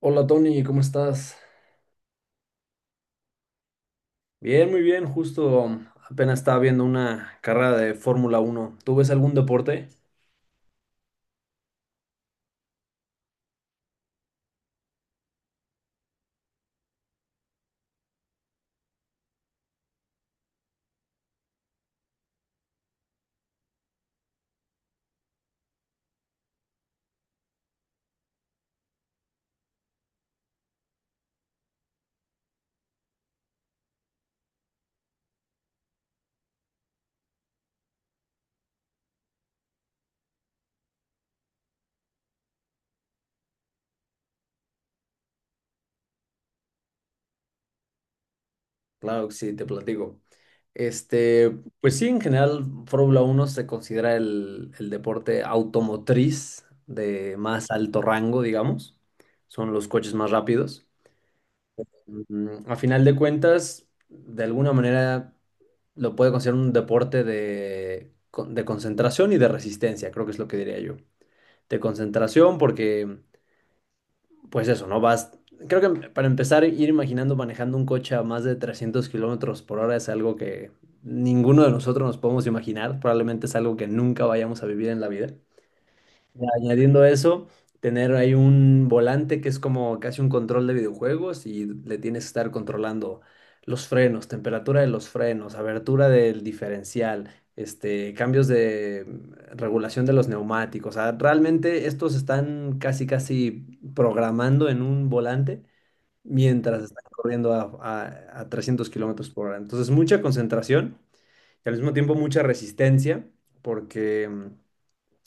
Hola Tony, ¿cómo estás? Bien, muy bien, justo apenas estaba viendo una carrera de Fórmula Uno. ¿Tú ves algún deporte? Claro que sí, te platico. Este, pues sí, en general Fórmula Uno se considera el deporte automotriz de más alto rango, digamos. Son los coches más rápidos. Mm, a final de cuentas, de alguna manera lo puede considerar un deporte de, de concentración y de resistencia, creo que es lo que diría yo. De concentración porque, pues eso, ¿no? Vas, creo que para empezar, ir imaginando manejando un coche a más de 300 kilómetros por hora es algo que ninguno de nosotros nos podemos imaginar, probablemente es algo que nunca vayamos a vivir en la vida. Y añadiendo eso, tener ahí un volante que es como casi un control de videojuegos y le tienes que estar controlando los frenos, temperatura de los frenos, abertura del diferencial, este, cambios de regulación de los neumáticos. O sea, realmente estos están casi casi programando en un volante mientras están corriendo a 300 kilómetros por hora. Entonces, mucha concentración y al mismo tiempo mucha resistencia porque... mm,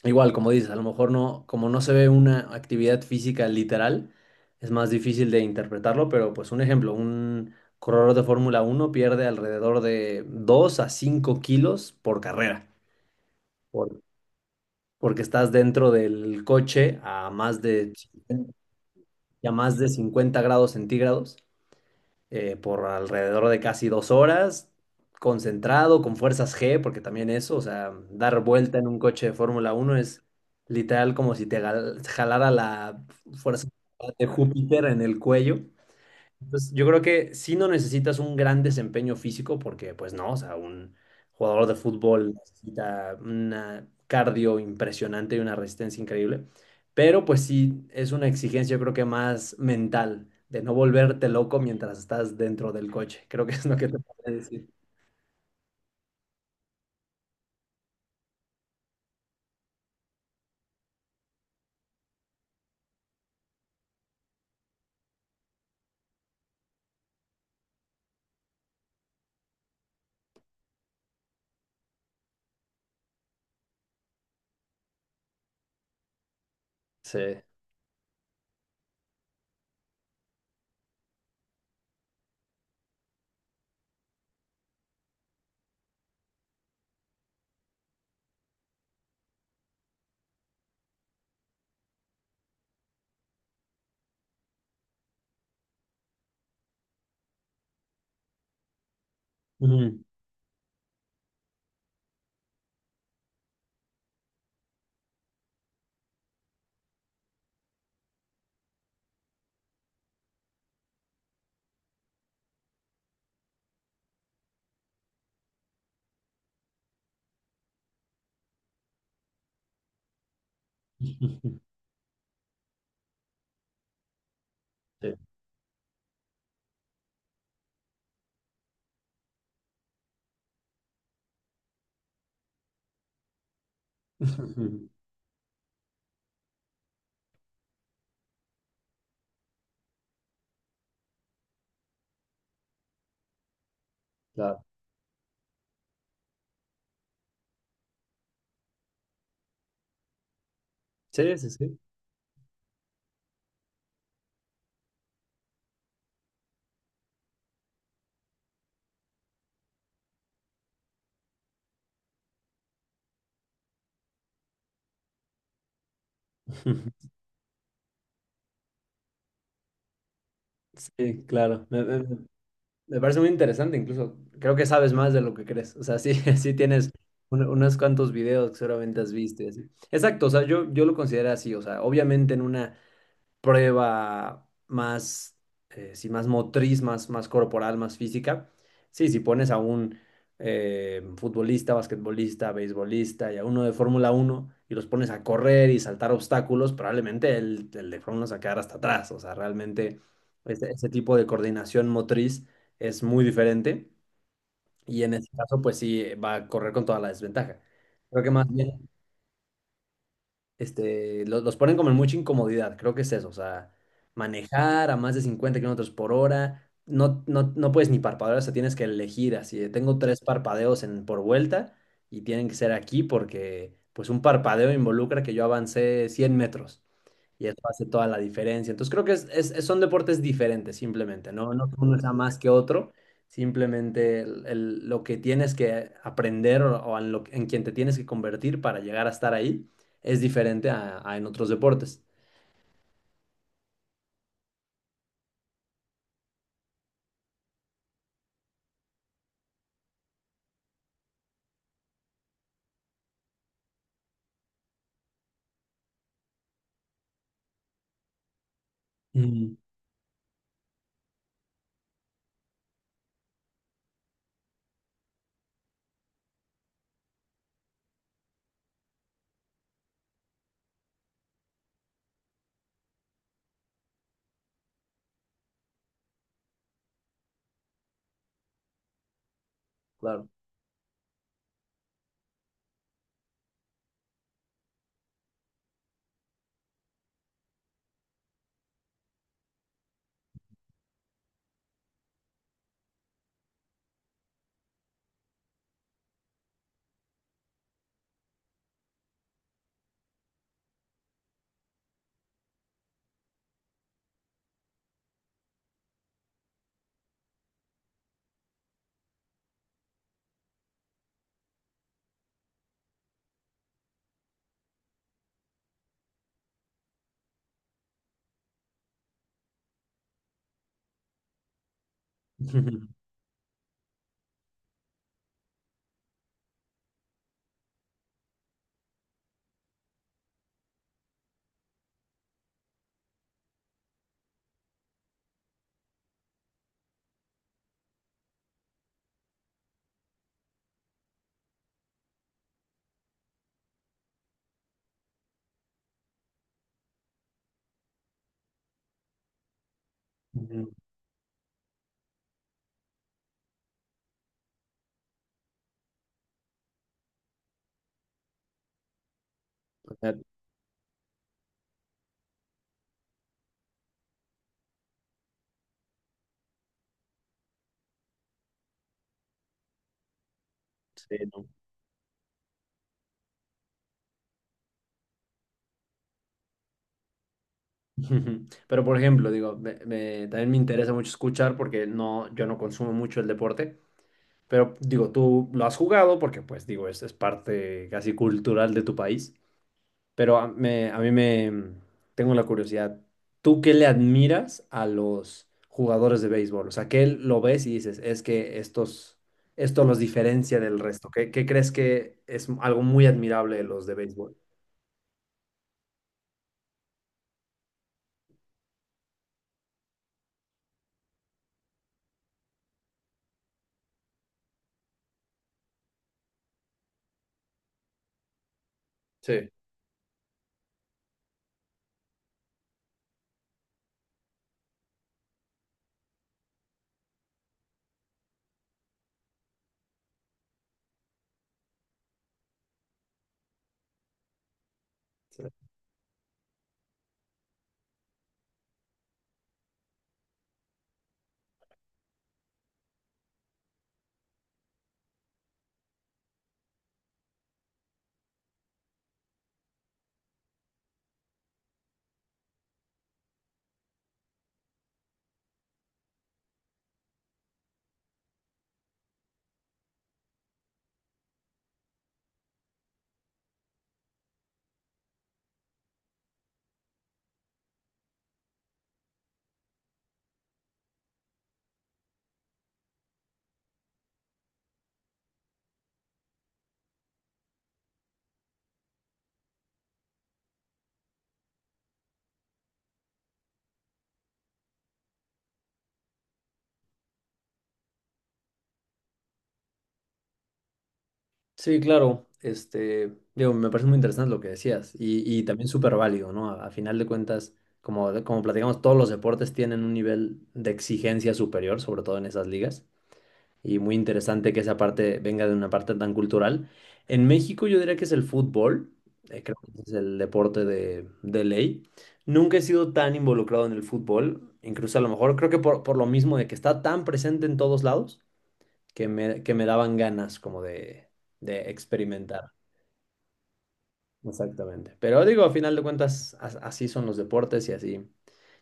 igual, como dices, a lo mejor no, como no se ve una actividad física literal, es más difícil de interpretarlo, pero pues un ejemplo, un corredor de Fórmula uno pierde alrededor de 2 a 5 kilos por carrera, por- porque estás dentro del coche a más a más de 50 grados centígrados por alrededor de casi 2 horas, concentrado, con fuerzas G, porque también eso, o sea, dar vuelta en un coche de Fórmula uno es literal como si te jalara la fuerza de Júpiter en el cuello. Pues yo creo que sí no necesitas un gran desempeño físico porque pues no, o sea, un jugador de fútbol necesita una cardio impresionante y una resistencia increíble, pero pues sí es una exigencia yo creo que más mental de no volverte loco mientras estás dentro del coche, creo que es lo que te puedo decir. Sí. Ujú. Sí. Claro. Sí, sí, sí. Sí, claro. Me parece muy interesante, incluso creo que sabes más de lo que crees. O sea, sí, sí tienes unos cuantos videos que seguramente has visto y así. Exacto, o sea, yo lo considero así. O sea, obviamente en una prueba más, sí, más motriz, más, más corporal, más física. Sí, si pones a un futbolista, basquetbolista, beisbolista y a uno de Fórmula uno y los pones a correr y saltar obstáculos, probablemente el de Fórmula uno se va a quedar hasta atrás. O sea, realmente ese tipo de coordinación motriz es muy diferente y en ese caso, pues sí, va a correr con toda la desventaja. Creo que más bien este, los, ponen como en mucha incomodidad, creo que es eso, o sea, manejar a más de 50 kilómetros por hora, no puedes ni parpadear, o sea, tienes que elegir así, de, tengo tres parpadeos en, por vuelta y tienen que ser aquí porque pues un parpadeo involucra que yo avancé 100 metros. Y eso hace toda la diferencia. Entonces creo que son deportes diferentes simplemente, ¿no? No que uno sea más que otro, simplemente lo que tienes que aprender o en, lo, en quien te tienes que convertir para llegar a estar ahí es diferente a en otros deportes. Mm, claro. Ujú, o sea, sí, no. Pero por ejemplo, digo, también me interesa mucho escuchar porque no, yo no consumo mucho el deporte, pero digo, tú lo has jugado porque pues digo, es parte casi cultural de tu país. Pero a mí me tengo la curiosidad. ¿Tú qué le admiras a los jugadores de béisbol? O sea, ¿qué lo ves y dices, es que estos, esto los diferencia del resto? ¿Qué, qué crees que es algo muy admirable de los de béisbol? Sí. Sí, claro. Este, digo, me parece muy interesante lo que decías y también súper válido, ¿no? A final de cuentas, como platicamos, todos los deportes tienen un nivel de exigencia superior, sobre todo en esas ligas. Y muy interesante que esa parte venga de una parte tan cultural. En México yo diría que es el fútbol, creo que es el deporte de ley. Nunca he sido tan involucrado en el fútbol, incluso a lo mejor creo que por lo mismo de que está tan presente en todos lados, que que me daban ganas como de experimentar. Exactamente. Pero digo, a final de cuentas, así son los deportes y así,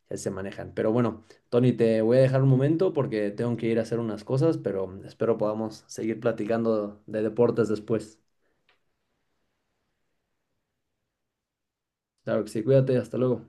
así se manejan. Pero bueno, Tony, te voy a dejar un momento porque tengo que ir a hacer unas cosas, pero espero podamos seguir platicando de deportes después. Claro que sí, cuídate, hasta luego.